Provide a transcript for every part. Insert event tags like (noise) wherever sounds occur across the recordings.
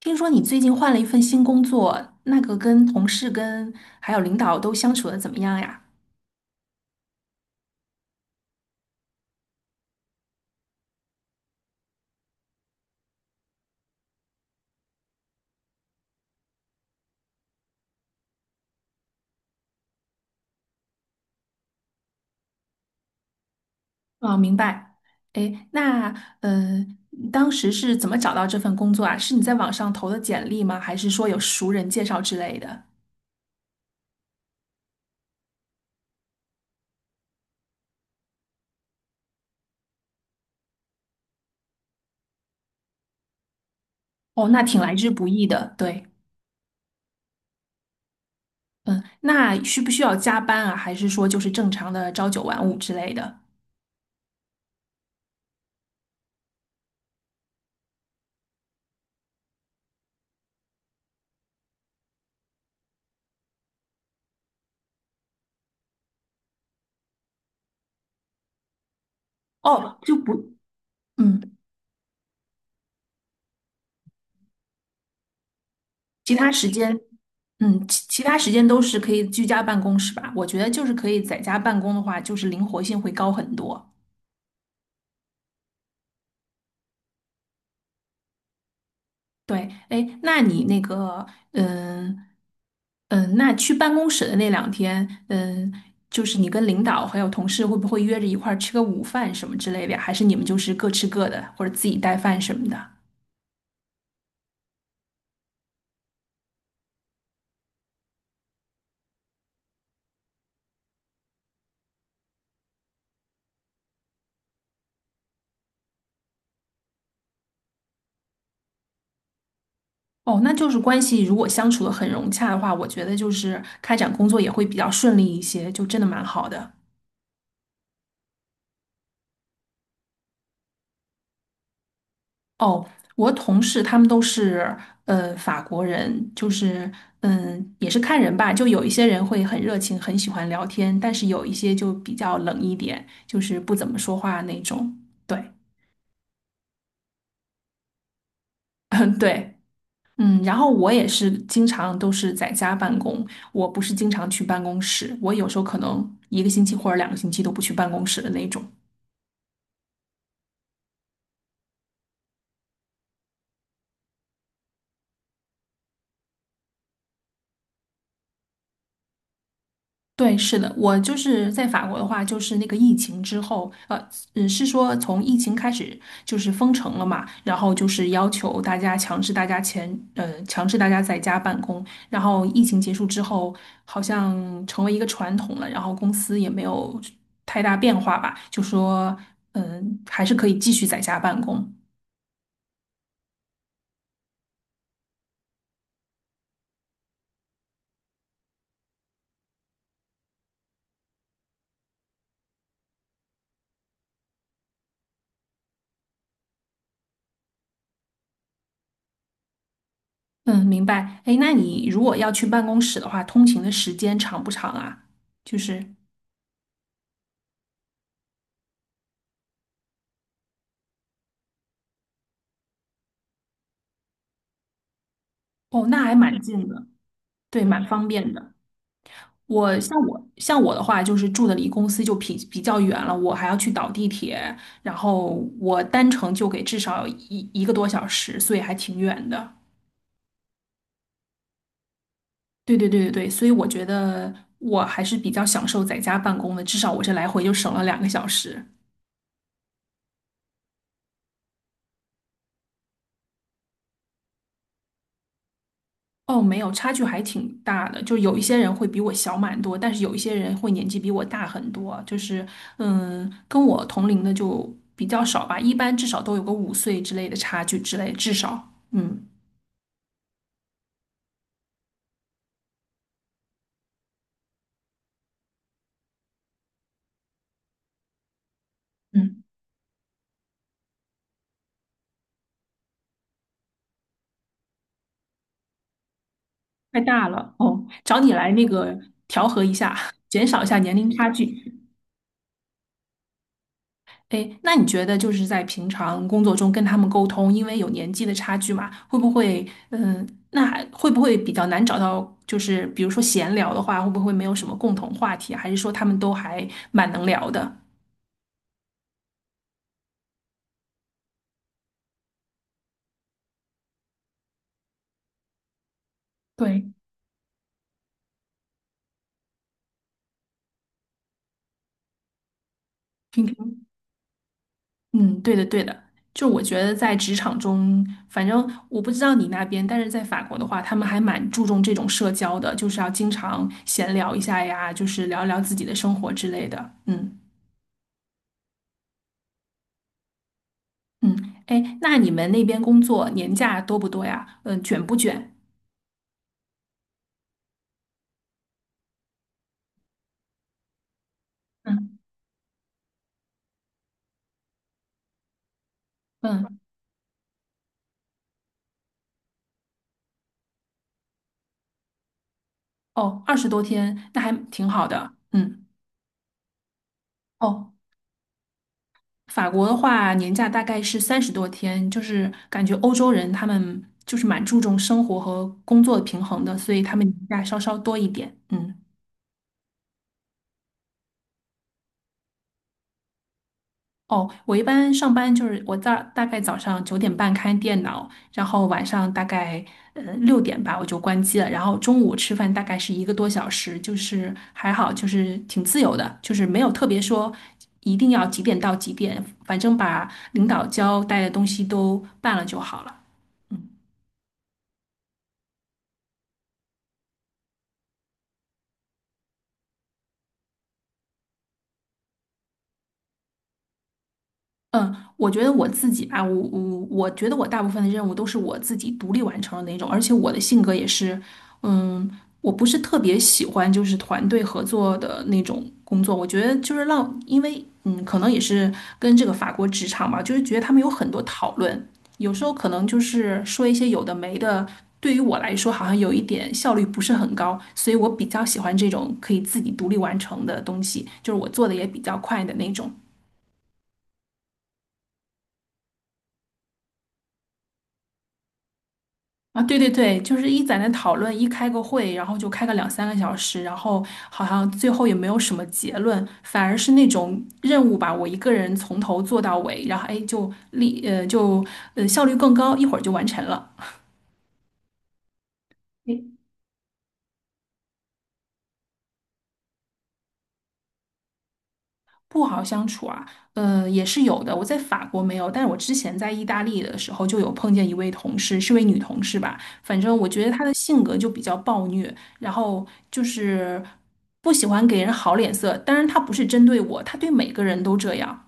听说你最近换了一份新工作，那个跟同事、跟还有领导都相处的怎么样呀？啊，明白。哎，那呃，当时是怎么找到这份工作啊？是你在网上投的简历吗？还是说有熟人介绍之类的？哦，那挺来之不易的。对。嗯，那需不需要加班啊？还是说就是正常的朝九晚五之类的？哦，就不，嗯。其他时间，嗯，其他时间都是可以居家办公，是吧？我觉得就是可以在家办公的话，就是灵活性会高很多。对，哎，那你那个，嗯嗯，那去办公室的那两天，嗯，就是你跟领导还有同事会不会约着一块儿吃个午饭什么之类的呀？还是你们就是各吃各的，或者自己带饭什么的？哦，那就是关系如果相处的很融洽的话，我觉得就是开展工作也会比较顺利一些，就真的蛮好的。哦，我同事他们都是法国人，就是嗯也是看人吧，就有一些人会很热情，很喜欢聊天，但是有一些就比较冷一点，就是不怎么说话那种。对，(laughs) 嗯对。嗯，然后我也是经常都是在家办公，我不是经常去办公室，我有时候可能一个星期或者两个星期都不去办公室的那种。对，是的，我就是在法国的话，就是那个疫情之后，嗯，是说从疫情开始就是封城了嘛，然后就是要求大家前，强制大家在家办公，然后疫情结束之后，好像成为一个传统了，然后公司也没有太大变化吧，就说，嗯，还是可以继续在家办公。嗯，明白。哎，那你如果要去办公室的话，通勤的时间长不长啊？就是，哦，那还蛮近的。对，蛮方便的。我的话，就是住的离公司就比较远了，我还要去倒地铁，然后我单程就给至少一个多小时，所以还挺远的。对对对对对，所以我觉得我还是比较享受在家办公的，至少我这来回就省了两个小时。哦，没有，差距还挺大的，就有一些人会比我小蛮多，但是有一些人会年纪比我大很多，就是嗯，跟我同龄的就比较少吧，一般至少都有个五岁之类的差距之类，至少嗯。嗯，太大了哦，找你来那个调和一下，(laughs) 减少一下年龄差距。哎，那你觉得就是在平常工作中跟他们沟通，因为有年纪的差距嘛，会不会嗯，那还会不会比较难找到？就是比如说闲聊的话，会不会没有什么共同话题啊？还是说他们都还蛮能聊的？对，平嗯，对的，对的，就我觉得在职场中，反正我不知道你那边，但是在法国的话，他们还蛮注重这种社交的，就是要经常闲聊一下呀，就是聊一聊自己的生活之类的。嗯嗯，哎，那你们那边工作年假多不多呀？嗯，卷不卷？嗯嗯，哦，二十多天，那还挺好的。嗯，哦。法国的话，年假大概是三十多天，就是感觉欧洲人他们就是蛮注重生活和工作的平衡的，所以他们年假稍稍多一点。嗯，哦，我一般上班就是我大概早上九点半开电脑，然后晚上大概六点吧我就关机了，然后中午吃饭大概是一个多小时，就是还好，就是挺自由的，就是没有特别说一定要几点到几点，反正把领导交代的东西都办了就好了。嗯。嗯，我觉得我自己吧，我觉得我大部分的任务都是我自己独立完成的那种，而且我的性格也是，嗯，我不是特别喜欢就是团队合作的那种工作，我觉得就是让，因为嗯，可能也是跟这个法国职场吧，就是觉得他们有很多讨论，有时候可能就是说一些有的没的，对于我来说好像有一点效率不是很高，所以我比较喜欢这种可以自己独立完成的东西，就是我做的也比较快的那种。啊，对对对，就是一在那讨论，一开个会，然后就开个两三个小时，然后好像最后也没有什么结论，反而是那种任务吧，我一个人从头做到尾，然后哎，就力呃就效率更高，一会儿就完成了。不好相处啊，也是有的。我在法国没有，但是我之前在意大利的时候就有碰见一位同事，是位女同事吧。反正我觉得她的性格就比较暴虐，然后就是不喜欢给人好脸色。当然，她不是针对我，她对每个人都这样。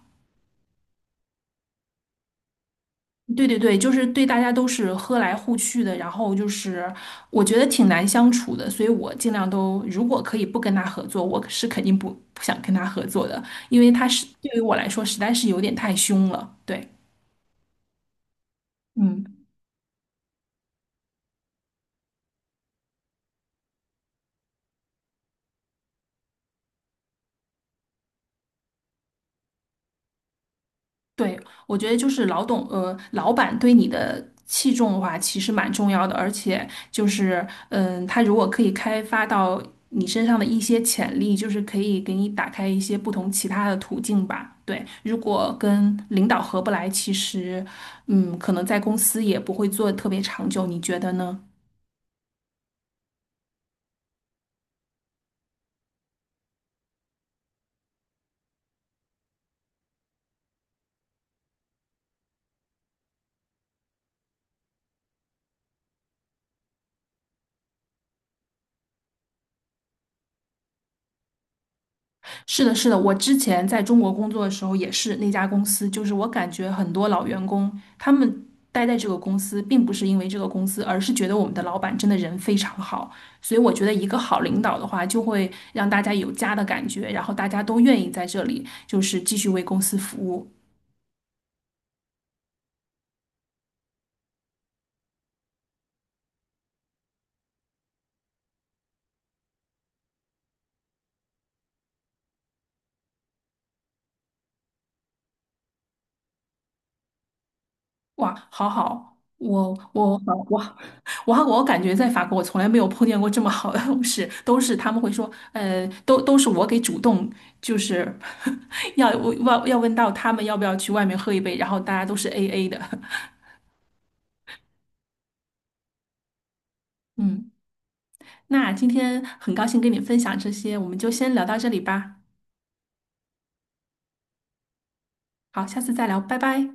对对对，就是对大家都是和来互去的，然后就是我觉得挺难相处的，所以我尽量都如果可以不跟他合作，我是肯定不想跟他合作的，因为他是对于我来说实在是有点太凶了。对，嗯，对，我觉得就是老董，老板对你的器重的话，其实蛮重要的，而且就是，嗯，他如果可以开发到你身上的一些潜力，就是可以给你打开一些不同其他的途径吧。对，如果跟领导合不来，其实，嗯，可能在公司也不会做得特别长久，你觉得呢？是的，是的，我之前在中国工作的时候也是那家公司，就是我感觉很多老员工他们待在这个公司，并不是因为这个公司，而是觉得我们的老板真的人非常好。所以我觉得一个好领导的话，就会让大家有家的感觉，然后大家都愿意在这里就是继续为公司服务。哇，好好，我我感觉在法国，我从来没有碰见过这么好的同事，都是他们会说，都是我给主动，就是 (laughs) 要问到他们要不要去外面喝一杯，然后大家都是 AA 的。(laughs) 嗯，那今天很高兴跟你分享这些，我们就先聊到这里吧。好，下次再聊，拜拜。